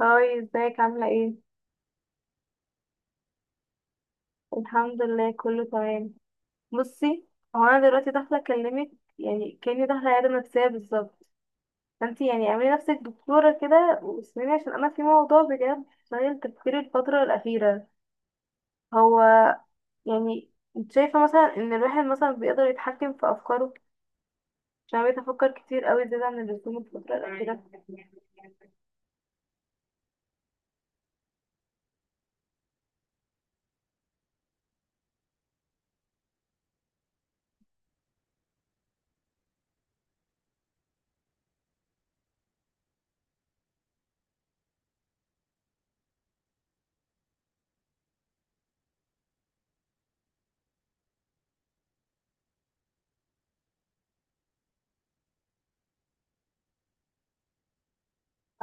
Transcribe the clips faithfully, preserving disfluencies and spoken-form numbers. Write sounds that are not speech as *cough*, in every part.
هاي، ازيك؟ عاملة ايه؟ الحمد لله، كله تمام. بصي، هو انا دلوقتي داخلة اكلمك، يعني كأني داخلة عيادة نفسية بالظبط. فانتي يعني اعملي نفسك دكتورة كده واسمعيني، عشان انا في موضوع بجد شاغل تفكيري الفترة الأخيرة. هو يعني انت شايفة مثلا ان الواحد مثلا بيقدر يتحكم في افكاره؟ عشان بقيت افكر كتير قوي زيادة عن اللزوم الفترة الأخيرة.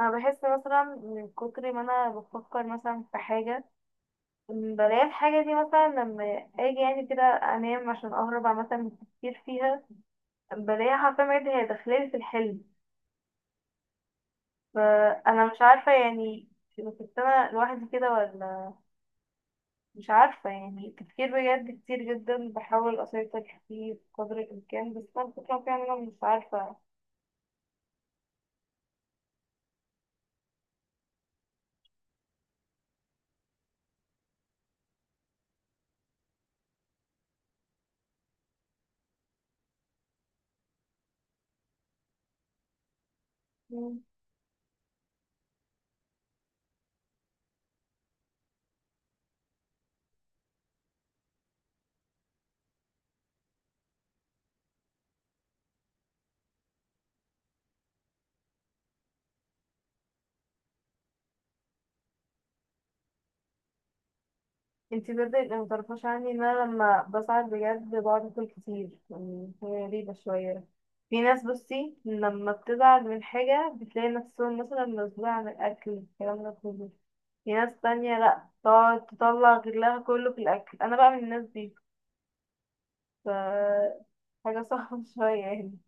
انا بحس مثلا من كتر ما انا بفكر مثلا في حاجة، بلاقي الحاجة دي مثلا لما اجي يعني كده انام عشان اهرب مثلا من التفكير فيها، بلاقيها حرفيا بجد هي داخلالي في الحلم. فانا مش عارفة يعني كنت انا لوحدي كده ولا؟ مش عارفة، يعني تفكير بجد كتير جدا، بحاول اسيطر فيه بقدر الامكان، بس انا الفكرة فيها ان انا مش عارفة. انتي بدأت اللي متعرفهاش عني ان انا لما بساعد بجد بقعد اكل كتير، يعني هي غريبة شوية. في ناس بصي لما بتزعل من حاجة بتلاقي نفسهم مثلا مسؤولة عن الأكل الكلام ده كله، في ناس تانية لأ تقعد تطلع غلها كله في الأكل، أنا بقى من الناس دي. ف حاجة صعبة *laughs* شوية يعني.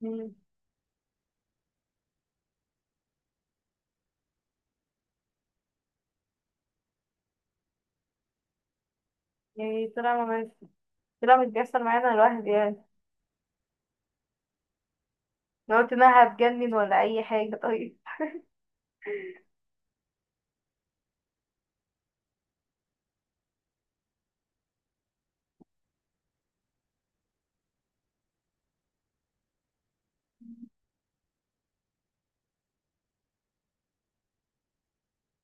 مم. يعني طلع ما بس- طلع مش بيحصل معانا الواحد يعني. لو قلت إنها هتجنن ولا أي حاجة طيب.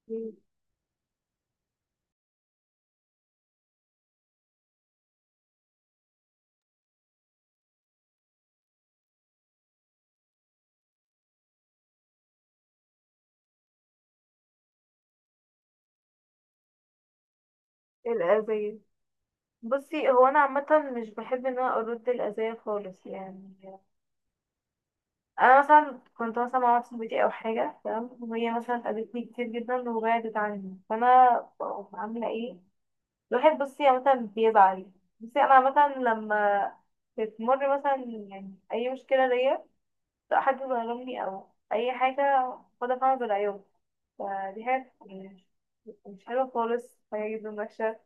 مم. الأذية. بصي هو انا عامه مش بحب ان انا ارد الاذيه خالص يعني. انا مثلا كنت مثلا مع واحدة صاحبتي او حاجه تمام، وهي مثلا اذتني كتير جدا وبعدت عني، فانا بقوم عامله ايه؟ الواحد بصي عامه بيزعل. بصي انا عامه لما بتمر مثلا يعني اي مشكله ليا، سواء حد ظلمني او اي حاجه، باخدها فعلا بالعيوب. فدي حاجه يعني مش حلوه خالص، حاجه جدا وحشه.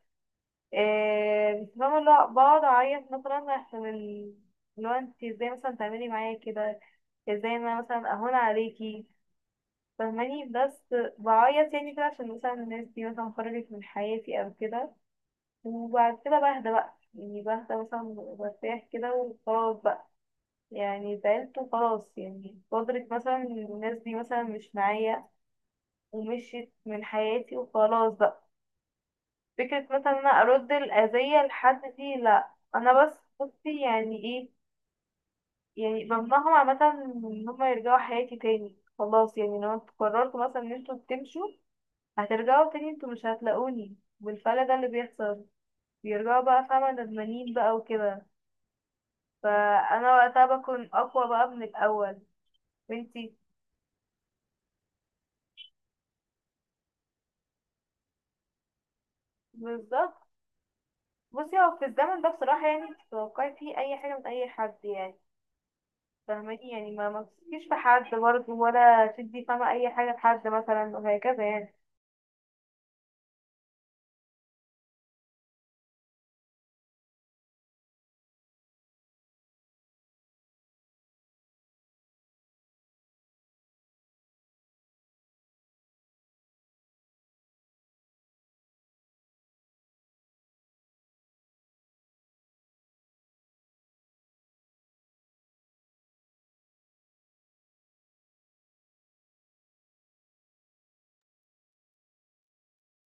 إيه بس فاهمة اللي هو بقعد أعيط مثلا عشان ال- اللي هو انت ازاي مثلا تعملي معايا كده؟ ازاي انا مثلا أهون عليكي؟ فاهماني، بس بعيط يعني كده عشان مثلا الناس دي مثلا خرجت من حياتي أو كده. وبعد كده بهدى بقى، يعني بهدى مثلا وبرتاح كده وخلاص بقى، يعني زعلت وخلاص، يعني قدرت مثلا إن الناس دي مثلا مش معايا ومشيت من حياتي وخلاص بقى. فكرة مثلا إن أنا أرد الأذية لحد دي لأ، أنا بس بصي يعني إيه، يعني بمنعهم عامة إن هما يرجعوا حياتي تاني. خلاص يعني، لو انتوا قررتوا مثلا إن انتوا تمشوا، هترجعوا تاني انتوا مش هتلاقوني. والفلا ده اللي بيحصل، بيرجعوا بقى فاهمة ندمانين بقى وكده، فأنا وقتها بكون أقوى بقى من الأول. وانتي. بالظبط. بصي هو في الزمن ده بصراحة يعني تتوقعي فيه أي حاجة من أي حد يعني، فاهماني؟ يعني ما ما تثقيش في حد برضه، ولا تدي فاهمة أي حاجة لحد مثلا وهكذا يعني.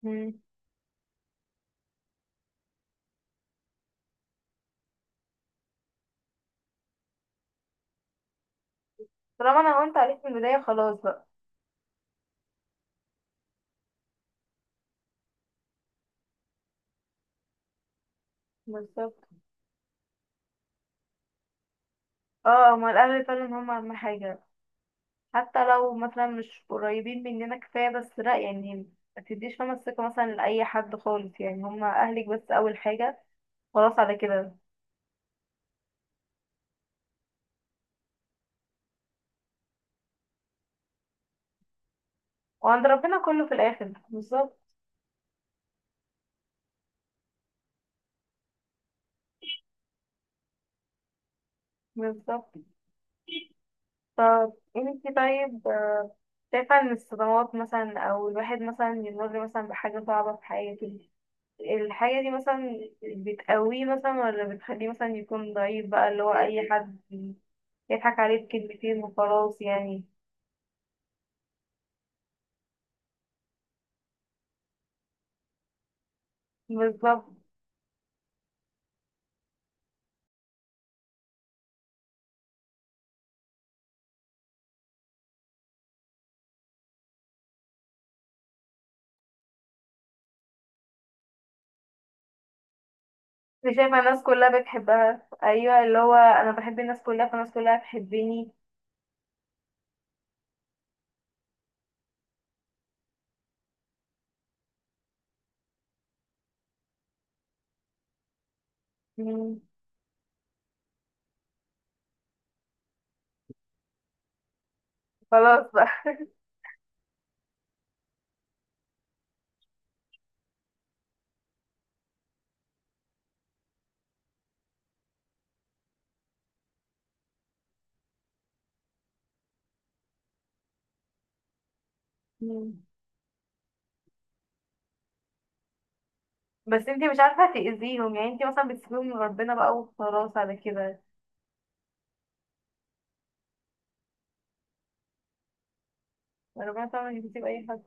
مم. طالما أنا هونت عليك من البداية خلاص بقى. بالظبط. اه، هما الأهل فعلا هما أهم حاجة. حتى لو مثلا مش قريبين مننا كفاية بس لأ يعني، ما تديش فاهمة الثقة مثلا لأي حد خالص، يعني هما أهلك بس أول حاجة، خلاص على كده. وعند ربنا كله في الآخر، بالظبط. بالظبط. طب انتي طيب، آه، شايفة ان الصدمات مثلا او الواحد مثلا يمر مثلا بحاجة صعبة في حياته، الحاجة دي مثلا بتقويه مثلا ولا بتخليه مثلا يكون ضعيف بقى اللي هو اي حد يضحك عليه بكلمتين وخلاص يعني؟ بالظبط. مش شايفة الناس كلها بتحبها؟ ايوه، اللي هو انا بحب الناس كلها فالناس كلها تحبني. مم، خلاص بقى. مم. بس انتي مش عارفة تأذيهم يعني، انتي مثلا بتسيبيهم من ربنا بقى وخلاص على كده. ربنا طبعا مش بيسيب اي حد.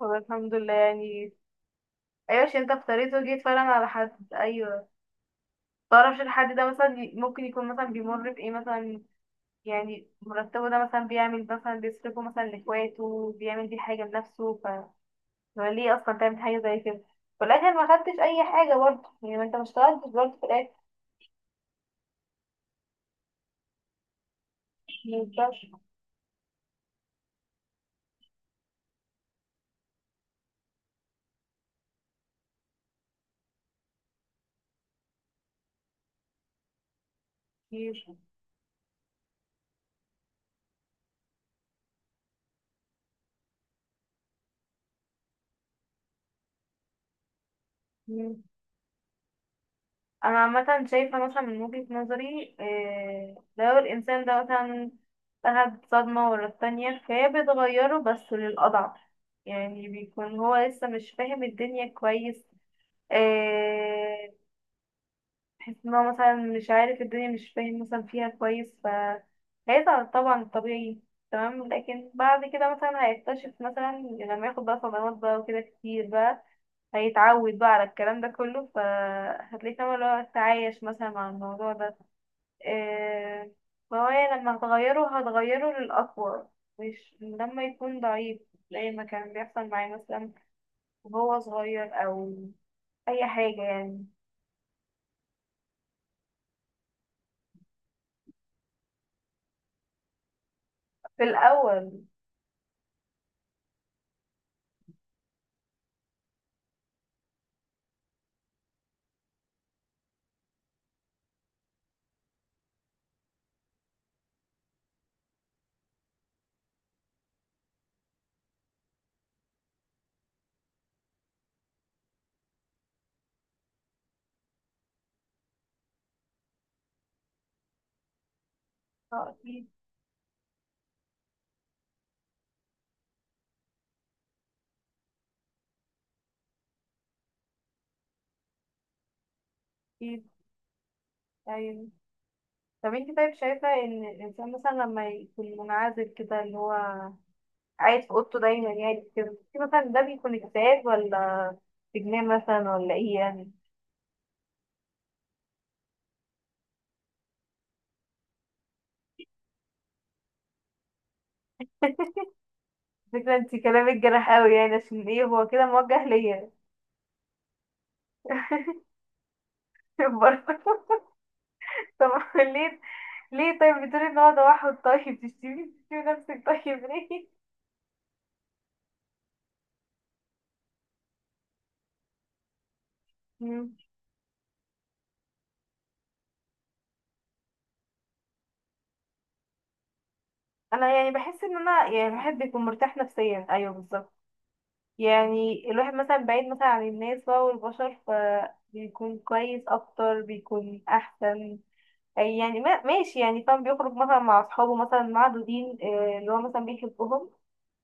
طب الحمد لله يعني. ايوه، عشان انت افتريت وجيت فعلا على حد. ايوه، متعرفش الحد ده مثلا ي- ممكن يكون مثلا بيمر بايه مثلا، يعني مرتبه ده مثلا بيعمل مثلا بيصرفه مثلا لاخواته، بيعمل بيه حاجة لنفسه، ف هو ليه اصلا تعمل حاجة زي كده؟ في الاخر ما خدتش اي حاجة برضه، يعني ما انت ما اشتغلتش برضه في الاخر. ما ينفعش. انا عامه شايفه مثلا من وجهه نظري، آه، لو الانسان ده مثلا اخد صدمه ورا التانية فهي بتغيره بس للاضعف. يعني بيكون هو لسه مش فاهم الدنيا كويس، آه، تحس ان هو مثلا مش عارف الدنيا مش فاهم مثلا فيها كويس، فهيزعل طبعا طبيعي تمام. لكن بعد كده مثلا هيكتشف مثلا لما ياخد بقى صدمات بقى وكده كتير بقى، هيتعود بقى على الكلام ده كله، فهتلاقيه فاهمة اللي هو تعايش مثلا مع الموضوع ده، إيه، فهو يعني لما هتغيره هتغيره للأقوى، مش لما يكون ضعيف، زي ما كان بيحصل معايا مثلا وهو صغير أو أي حاجة يعني. في الأول. اه. أكيد. أكيد. أيوة. طب انت طيب شايفة ان الانسان مثلا لما يكون منعزل كده اللي هو قاعد في اوضته دايما يعني كده، انت مثلا ده بيكون اكتئاب ولا اجتماع مثلا ولا ايه يعني؟ فكرة انت كلامك جرح قوي يعني، عشان ايه هو كده موجه ليا؟ *laughs* برضه. طب ليه؟ ليه طيب بتقولي ان هو توحد؟ طيب تشتمي تشتمي نفسك؟ طيب ليه؟ *laughs* مم. انا يعني بحس ان انا يعني الواحد بيكون مرتاح نفسيا ايوه بالظبط، يعني الواحد مثلا بعيد مثلا عن الناس بقى والبشر فبيكون كويس اكتر بيكون احسن. أي يعني ما ماشي يعني فاهم، بيخرج مثلا مع اصحابه مثلا معدودين آه، اللي هو مثلا بيحبهم،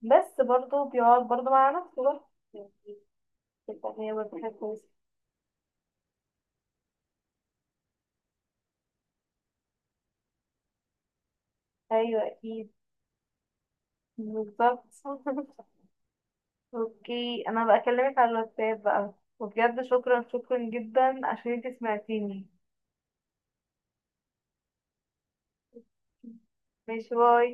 بس برضه بيقعد برضه مع نفسه برضه، تبقى هي وظيفة كويسة. أيوة أكيد. بالظبط. *laughs* أوكي، أنا بكلمك على الواتساب بقى، وبجد شكرا شكرا جدا عشان انتي سمعتيني. ماشي، باي.